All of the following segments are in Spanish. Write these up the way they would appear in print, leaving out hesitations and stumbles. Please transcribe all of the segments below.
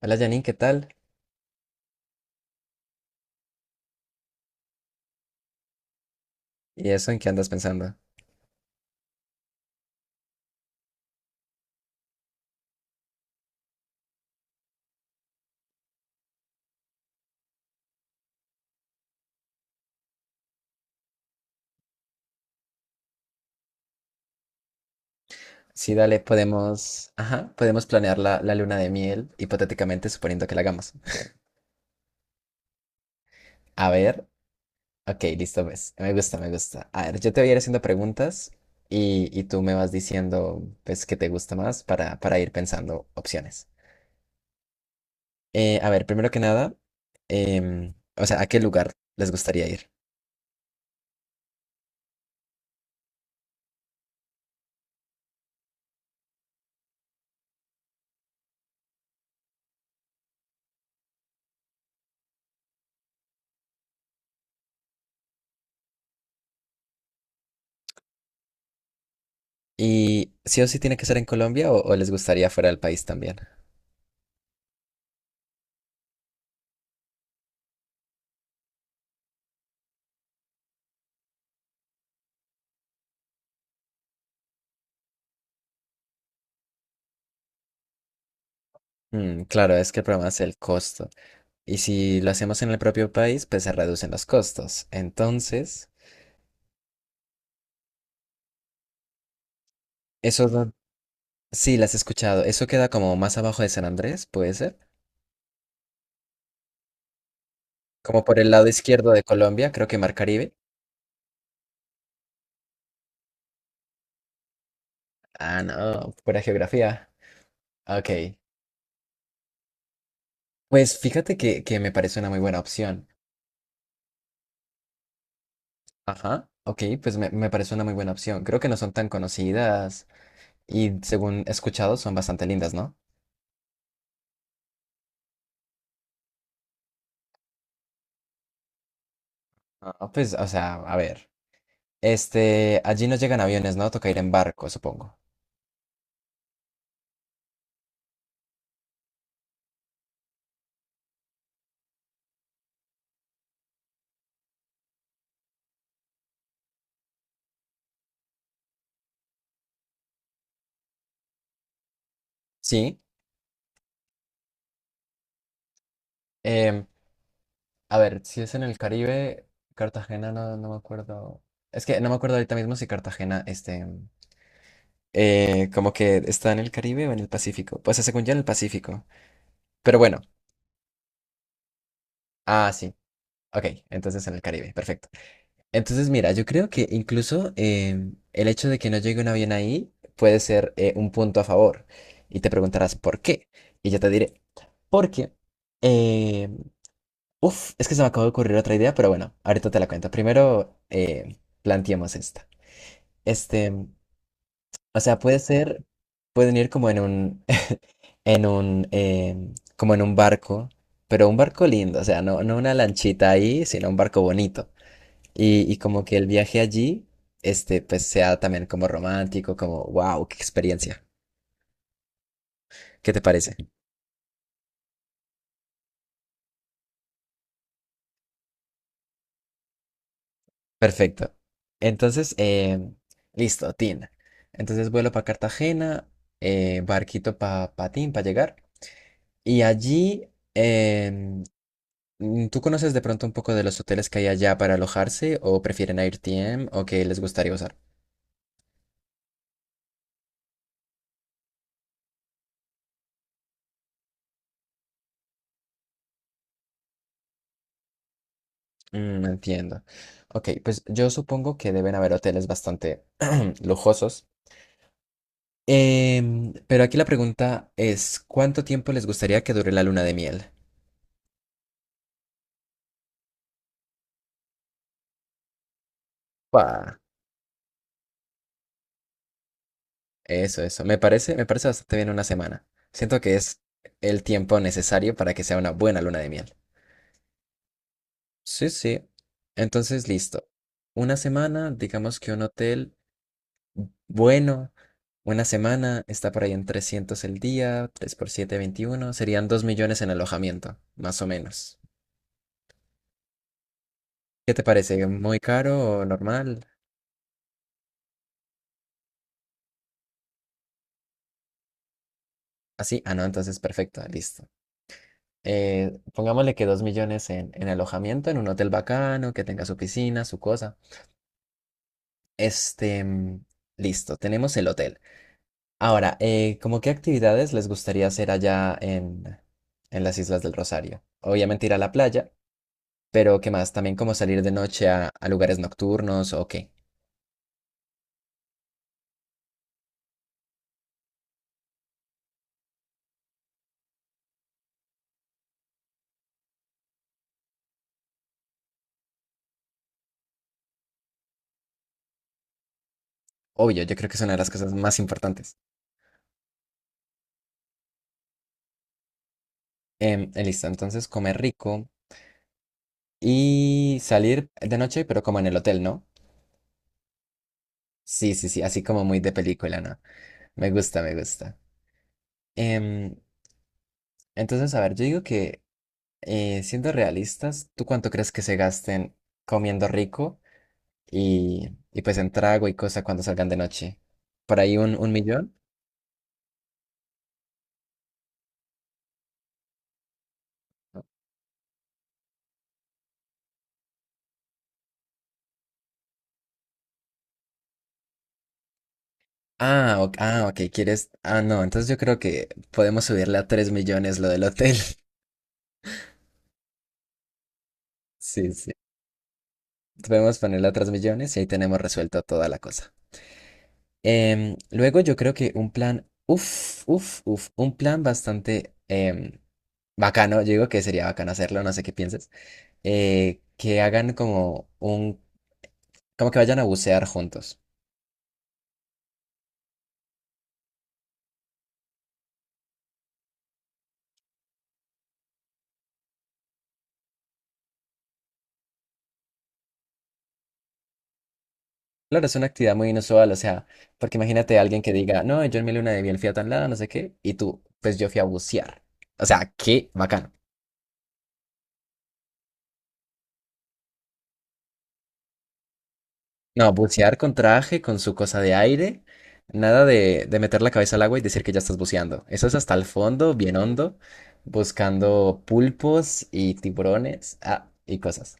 Hola Janine, ¿qué tal? ¿Y eso en qué andas pensando? Sí, dale, podemos, ajá, podemos planear la luna de miel, hipotéticamente suponiendo que la hagamos. A ver, ok, listo, pues. Me gusta, me gusta. A ver, yo te voy a ir haciendo preguntas y tú me vas diciendo, pues, qué te gusta más para ir pensando opciones. A ver, primero que nada, o sea, ¿a qué lugar les gustaría ir? ¿Y sí o sí tiene que ser en Colombia o les gustaría fuera del país también? Mm, claro, es que el problema es el costo. Y si lo hacemos en el propio país, pues se reducen los costos. Entonces, eso es sí, las he escuchado. Eso queda como más abajo de San Andrés, puede ser. Como por el lado izquierdo de Colombia, creo que Mar Caribe. Ah, no, pura geografía. Ok. Pues fíjate que me parece una muy buena opción. Ajá. Ok, pues me parece una muy buena opción. Creo que no son tan conocidas y según he escuchado son bastante lindas, ¿no? Ah, pues, o sea, a ver. Este, allí no llegan aviones, ¿no? Toca ir en barco, supongo. Sí. Em, a ver, si es en el Caribe, Cartagena no, no me acuerdo. Es que no me acuerdo ahorita mismo si Cartagena, este, como que está en el Caribe o en el Pacífico. Pues según yo en el Pacífico. Pero bueno, ah, sí. Ok, entonces en el Caribe, perfecto. Entonces, mira, yo creo que incluso el hecho de que no llegue un avión ahí puede ser un punto a favor. Y te preguntarás por qué. Y yo te diré, porque qué? Uf, es que se me acaba de ocurrir otra idea, pero bueno, ahorita te la cuento. Primero, planteemos esta. Este, o sea, puede ser, pueden ir como en un, eh, como en un barco, pero un barco lindo, o sea, no, no una lanchita ahí, sino un barco bonito. Y como que el viaje allí, este, pues sea también como romántico, como, wow, qué experiencia. ¿Qué te parece? Perfecto. Entonces, listo, Tin. Entonces vuelo para Cartagena, barquito para Patín para llegar. Y allí, em, ¿tú conoces de pronto un poco de los hoteles que hay allá para alojarse o prefieren AirTM o qué les gustaría usar? Mm, entiendo. Ok, pues yo supongo que deben haber hoteles bastante lujosos. Pero aquí la pregunta es, ¿cuánto tiempo les gustaría que dure la luna de miel? Pa. Eso, eso. Me parece bastante bien una semana. Siento que es el tiempo necesario para que sea una buena luna de miel. Sí, sí. Entonces, listo. Una semana, digamos que un hotel bueno, una semana está por ahí en 300 el día, 3 por 7 21 serían 2.000.000 en alojamiento, más o menos. ¿Qué te parece? ¿Muy caro o normal? Así, ah, no, entonces perfecto, listo. Pongámosle que 2.000.000 en alojamiento, en un hotel bacano, que tenga su piscina, su cosa. Este, mm, listo, tenemos el hotel. Ahora, ¿cómo qué actividades les gustaría hacer allá en las Islas del Rosario? Obviamente ir a la playa, pero ¿qué más? También como salir de noche a lugares nocturnos o qué. Obvio, yo creo que es una de las cosas más importantes. Listo, entonces comer rico y salir de noche, pero como en el hotel, ¿no? Sí, sí, sí, así como muy de película, ¿no? Me gusta, me gusta. Em, entonces, a ver, yo digo que siendo realistas, ¿tú cuánto crees que se gasten comiendo rico y pues en trago y cosa cuando salgan de noche? ¿Por ahí un millón? Ah, ok, ah, ok, ¿quieres? Ah, no, entonces yo creo que podemos subirle a 3.000.000 lo del hotel. Sí, sí. Podemos ponerle a 3.000.000 y ahí tenemos resuelto toda la cosa. Luego yo creo que un plan, uff, uff, uff, un plan bastante bacano, yo digo que sería bacano hacerlo, no sé qué pienses, que hagan como un como que vayan a bucear juntos. Claro, es una actividad muy inusual, o sea, porque imagínate a alguien que diga, no, yo en mi luna de miel fui a tan lado, no sé qué, y tú, pues yo fui a bucear. O sea, qué bacano. No, bucear con traje, con su cosa de aire, nada de, de meter la cabeza al agua y decir que ya estás buceando. Eso es hasta el fondo, bien hondo, buscando pulpos y tiburones, ah, y cosas.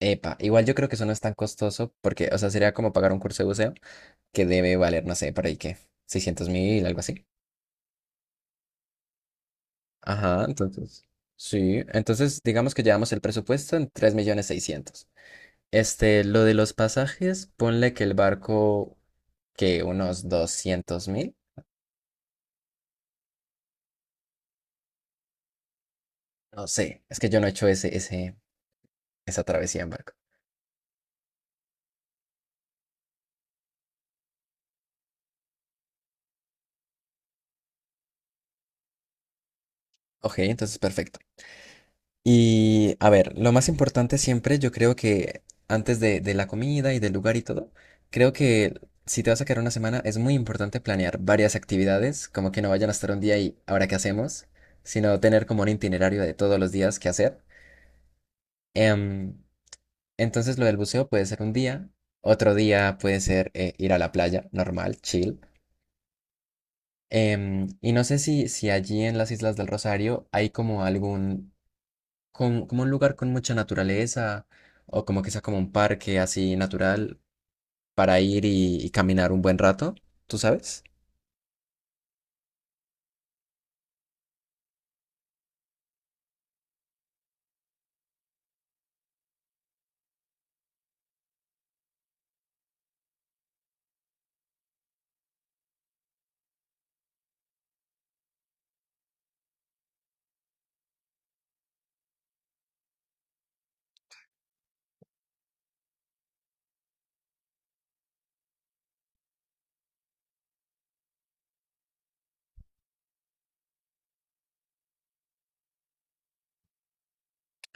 Epa, igual yo creo que eso no es tan costoso, porque, o sea, sería como pagar un curso de buceo que debe valer, no sé, por ahí que 600.000, algo así. Ajá, entonces. Sí, entonces digamos que llevamos el presupuesto en 3.600.000. Este, lo de los pasajes, ponle que el barco, que unos 200.000 No sé, es que yo no he hecho esa travesía en barco. Ok, entonces perfecto. Y a ver, lo más importante siempre, yo creo que antes de la comida y del lugar y todo, creo que si te vas a quedar una semana es muy importante planear varias actividades, como que no vayan a estar un día y ahora qué hacemos, sino tener como un itinerario de todos los días qué hacer. Em, entonces lo del buceo puede ser un día, otro día puede ser ir a la playa, normal, chill. Y no sé si allí en las Islas del Rosario hay como algún como un lugar con mucha naturaleza o como que sea como un parque así natural para ir y caminar un buen rato, ¿tú sabes?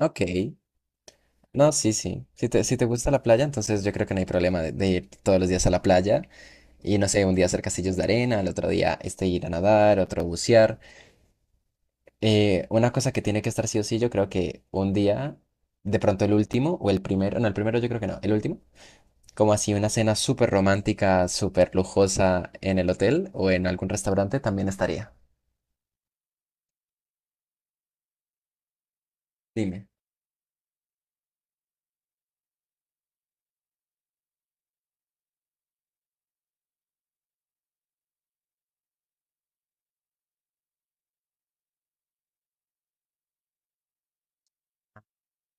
Ok, no, sí, sí. Si te gusta la playa, entonces yo creo que no hay problema de ir todos los días a la playa y no sé, un día hacer castillos de arena, el otro día este ir a nadar, otro bucear. Una cosa que tiene que estar sí o sí, yo creo que un día, de pronto el último o el primero, no, el primero yo creo que no, el último como así una cena súper romántica, súper lujosa en el hotel o en algún restaurante también estaría. Dime.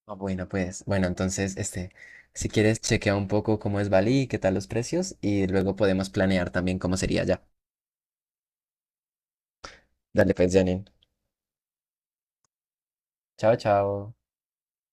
Ah, bueno, pues, bueno, entonces, este, si quieres, chequea un poco cómo es Bali, qué tal los precios y luego podemos planear también cómo sería ya. Dale, pues, Janine. Chao, chao.